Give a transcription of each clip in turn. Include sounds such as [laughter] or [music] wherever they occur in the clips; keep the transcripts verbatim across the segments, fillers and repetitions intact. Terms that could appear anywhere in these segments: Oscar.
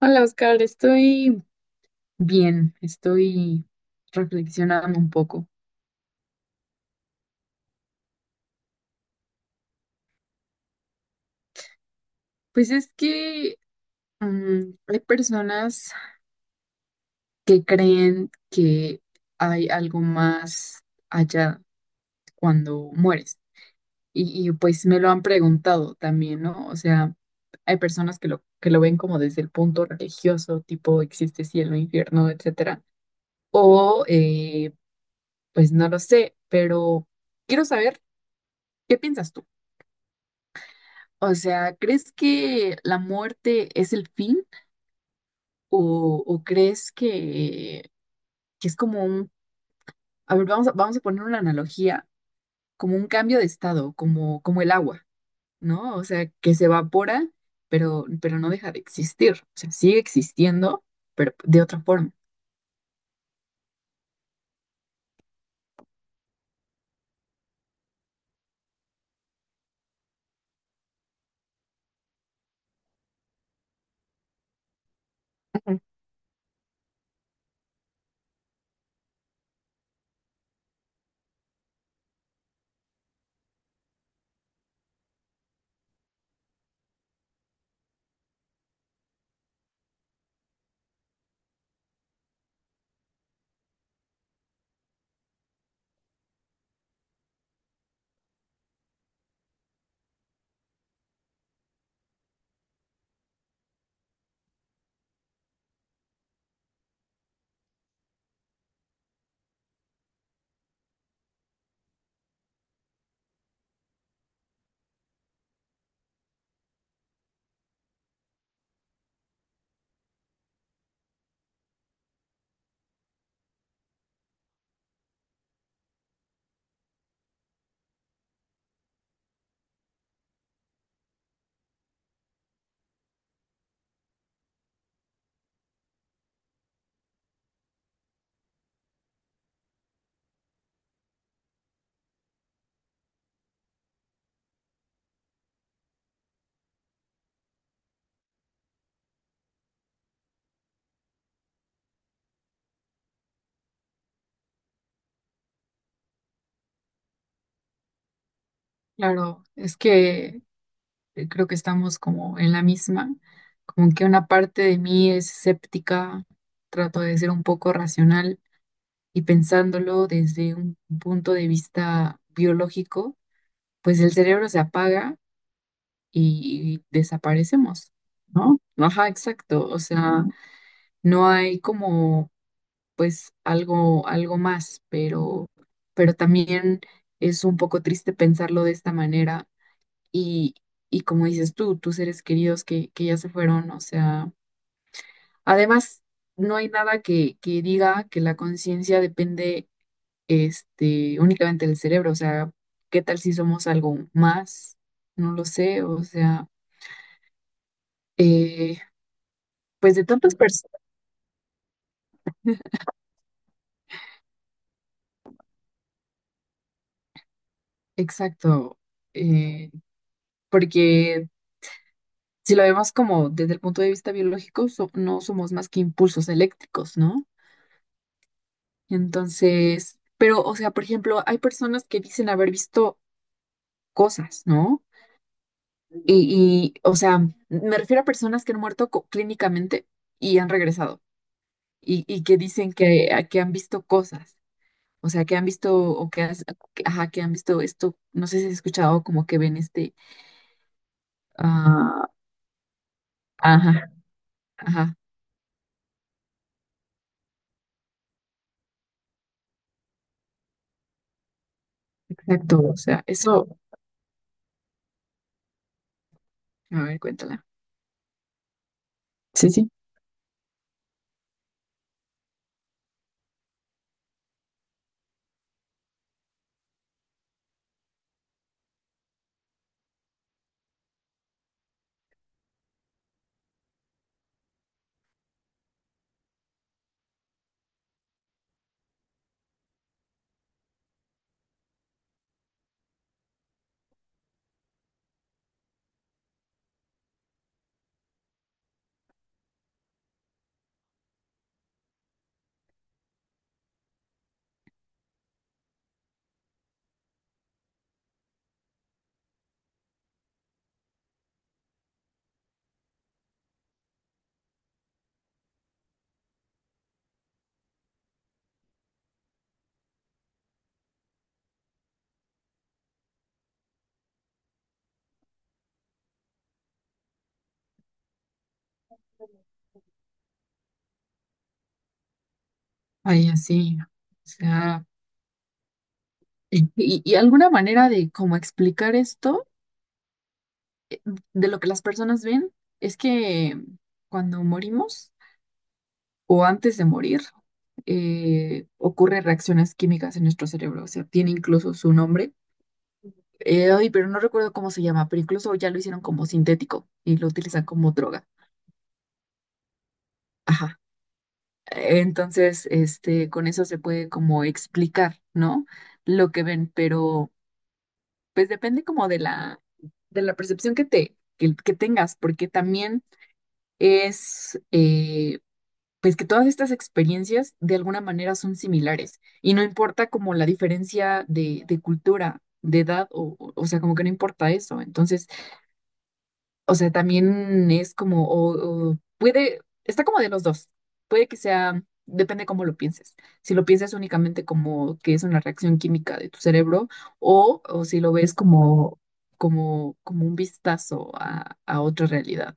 Hola Oscar, estoy bien, estoy reflexionando un poco. Pues es que mm, hay personas que creen que hay algo más allá cuando mueres y, y, pues me lo han preguntado también, ¿no? O sea, hay personas que lo, que lo ven como desde el punto religioso, tipo existe cielo, infierno, etcétera. O eh, pues no lo sé, pero quiero saber, ¿qué piensas tú? O sea, ¿crees que la muerte es el fin? ¿O, o crees que, que es como un, a ver, vamos a, vamos a poner una analogía, como un cambio de estado, como, como el agua, ¿no? O sea, que se evapora, pero, pero no deja de existir. O sea, sigue existiendo, pero de otra forma. Ujú. Claro, es que eh, creo que estamos como en la misma, como que una parte de mí es escéptica, trato de ser un poco racional y pensándolo desde un punto de vista biológico, pues el cerebro se apaga y desaparecemos, ¿no? Ajá, exacto. O sea, no hay como, pues, algo, algo más, pero, pero también es un poco triste pensarlo de esta manera y, y como dices tú, tus seres queridos que, que ya se fueron, o sea, además, no hay nada que, que diga que la conciencia depende este, únicamente el cerebro, o sea, ¿qué tal si somos algo más? No lo sé, o sea, eh, pues de tantas personas, exacto, eh, porque si lo vemos como desde el punto de vista biológico, so- no somos más que impulsos eléctricos, ¿no? Entonces, pero, o sea, por ejemplo, hay personas que dicen haber visto cosas, ¿no? Y, y, o sea, me refiero a personas que han muerto co- clínicamente y han regresado y, y que dicen que, a- que han visto cosas. O sea, que han visto o que, has- que- ajá, que han visto esto, no sé si has escuchado como que ven este, Ah, ajá, ajá, exacto, o sea, eso, a ver, cuéntala. Sí, sí. Ay, así, o sea, y, y- y alguna manera de cómo explicar esto, de lo que las personas ven, es que cuando morimos o antes de morir, eh, ocurren reacciones químicas en nuestro cerebro, o sea, tiene incluso su nombre Eh, Ay, pero no recuerdo cómo se llama, pero incluso ya lo hicieron como sintético y lo utilizan como droga. Ajá. Entonces, este, con eso se puede como explicar, ¿no? Lo que ven, pero pues depende como de la, de la percepción que te, que, que tengas, porque también es, eh, pues que todas estas experiencias de alguna manera son similares y no importa como la diferencia de, de cultura, de edad, o, o o sea, como que no importa eso. Entonces, o sea, también es como, o, o puede, está como de los dos. Puede que sea, depende cómo lo pienses. Si lo piensas únicamente como que es una reacción química de tu cerebro, o, o si lo ves como, como, como un vistazo a, a otra realidad.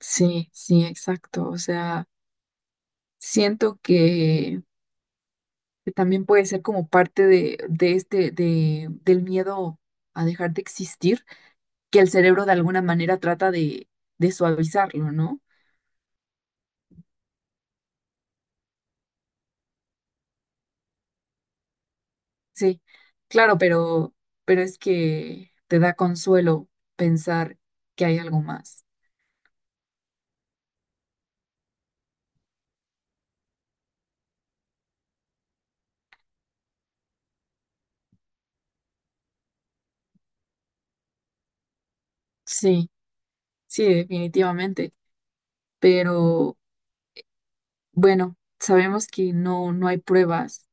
Sí, sí, exacto. O sea, siento que, que también puede ser como parte de, de este, de, del miedo a dejar de existir, que el cerebro de alguna manera trata de, de suavizarlo, ¿no? Sí, claro, pero, pero es que te da consuelo pensar que hay algo más. Sí, sí, definitivamente. Pero bueno, sabemos que no, no hay pruebas,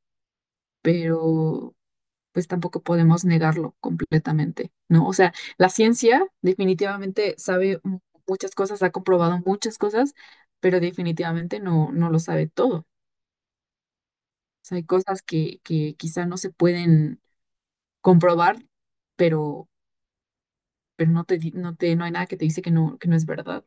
pero pues tampoco podemos negarlo completamente, ¿no? O sea, la ciencia definitivamente sabe mu- muchas cosas, ha comprobado muchas cosas, pero definitivamente no, no lo sabe todo. O sea, hay cosas que, que quizá no se pueden comprobar, pero pero no te, di- no te, no hay nada que te dice que no, que no es verdad.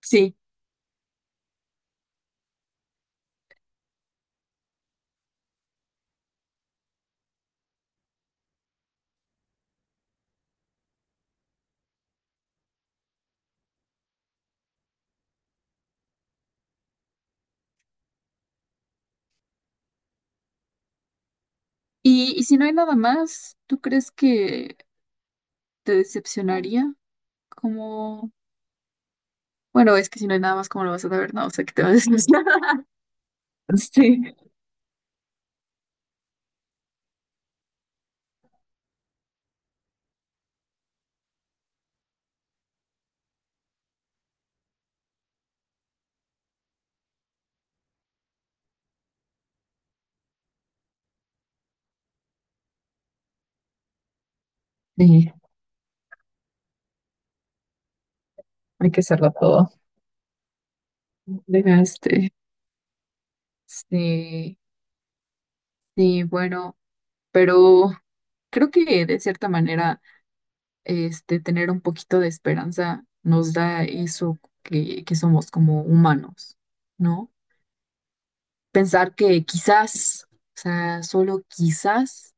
Sí. Y, y si no hay nada más, ¿tú crees que te decepcionaría? Como, bueno, es que si no hay nada más, ¿cómo lo vas a saber? No, o sea, que te va a decepcionar. [laughs] Sí, sí, hay que hacerlo todo. Dejaste. Sí, sí, bueno, pero creo que de cierta manera, este, tener un poquito de esperanza nos da eso que, que somos como humanos, ¿no? Pensar que quizás, o sea, solo quizás,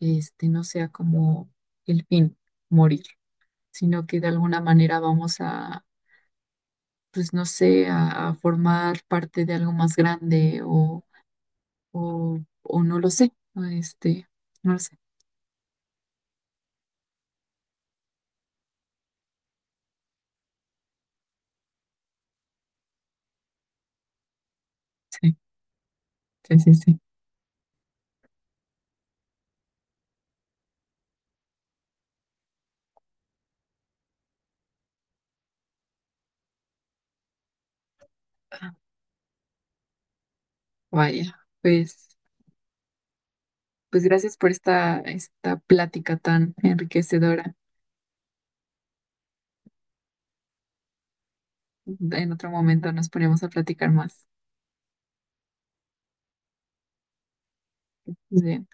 este, no sea como el fin, morir, sino que de alguna manera vamos a, pues no sé, a, a formar parte de algo más grande o, o, o, no lo sé, o este, no lo sé. Sí, sí, sí, sí. Ah, vaya, pues, pues gracias por esta, esta plática tan enriquecedora. En otro momento nos ponemos a platicar más. Bien.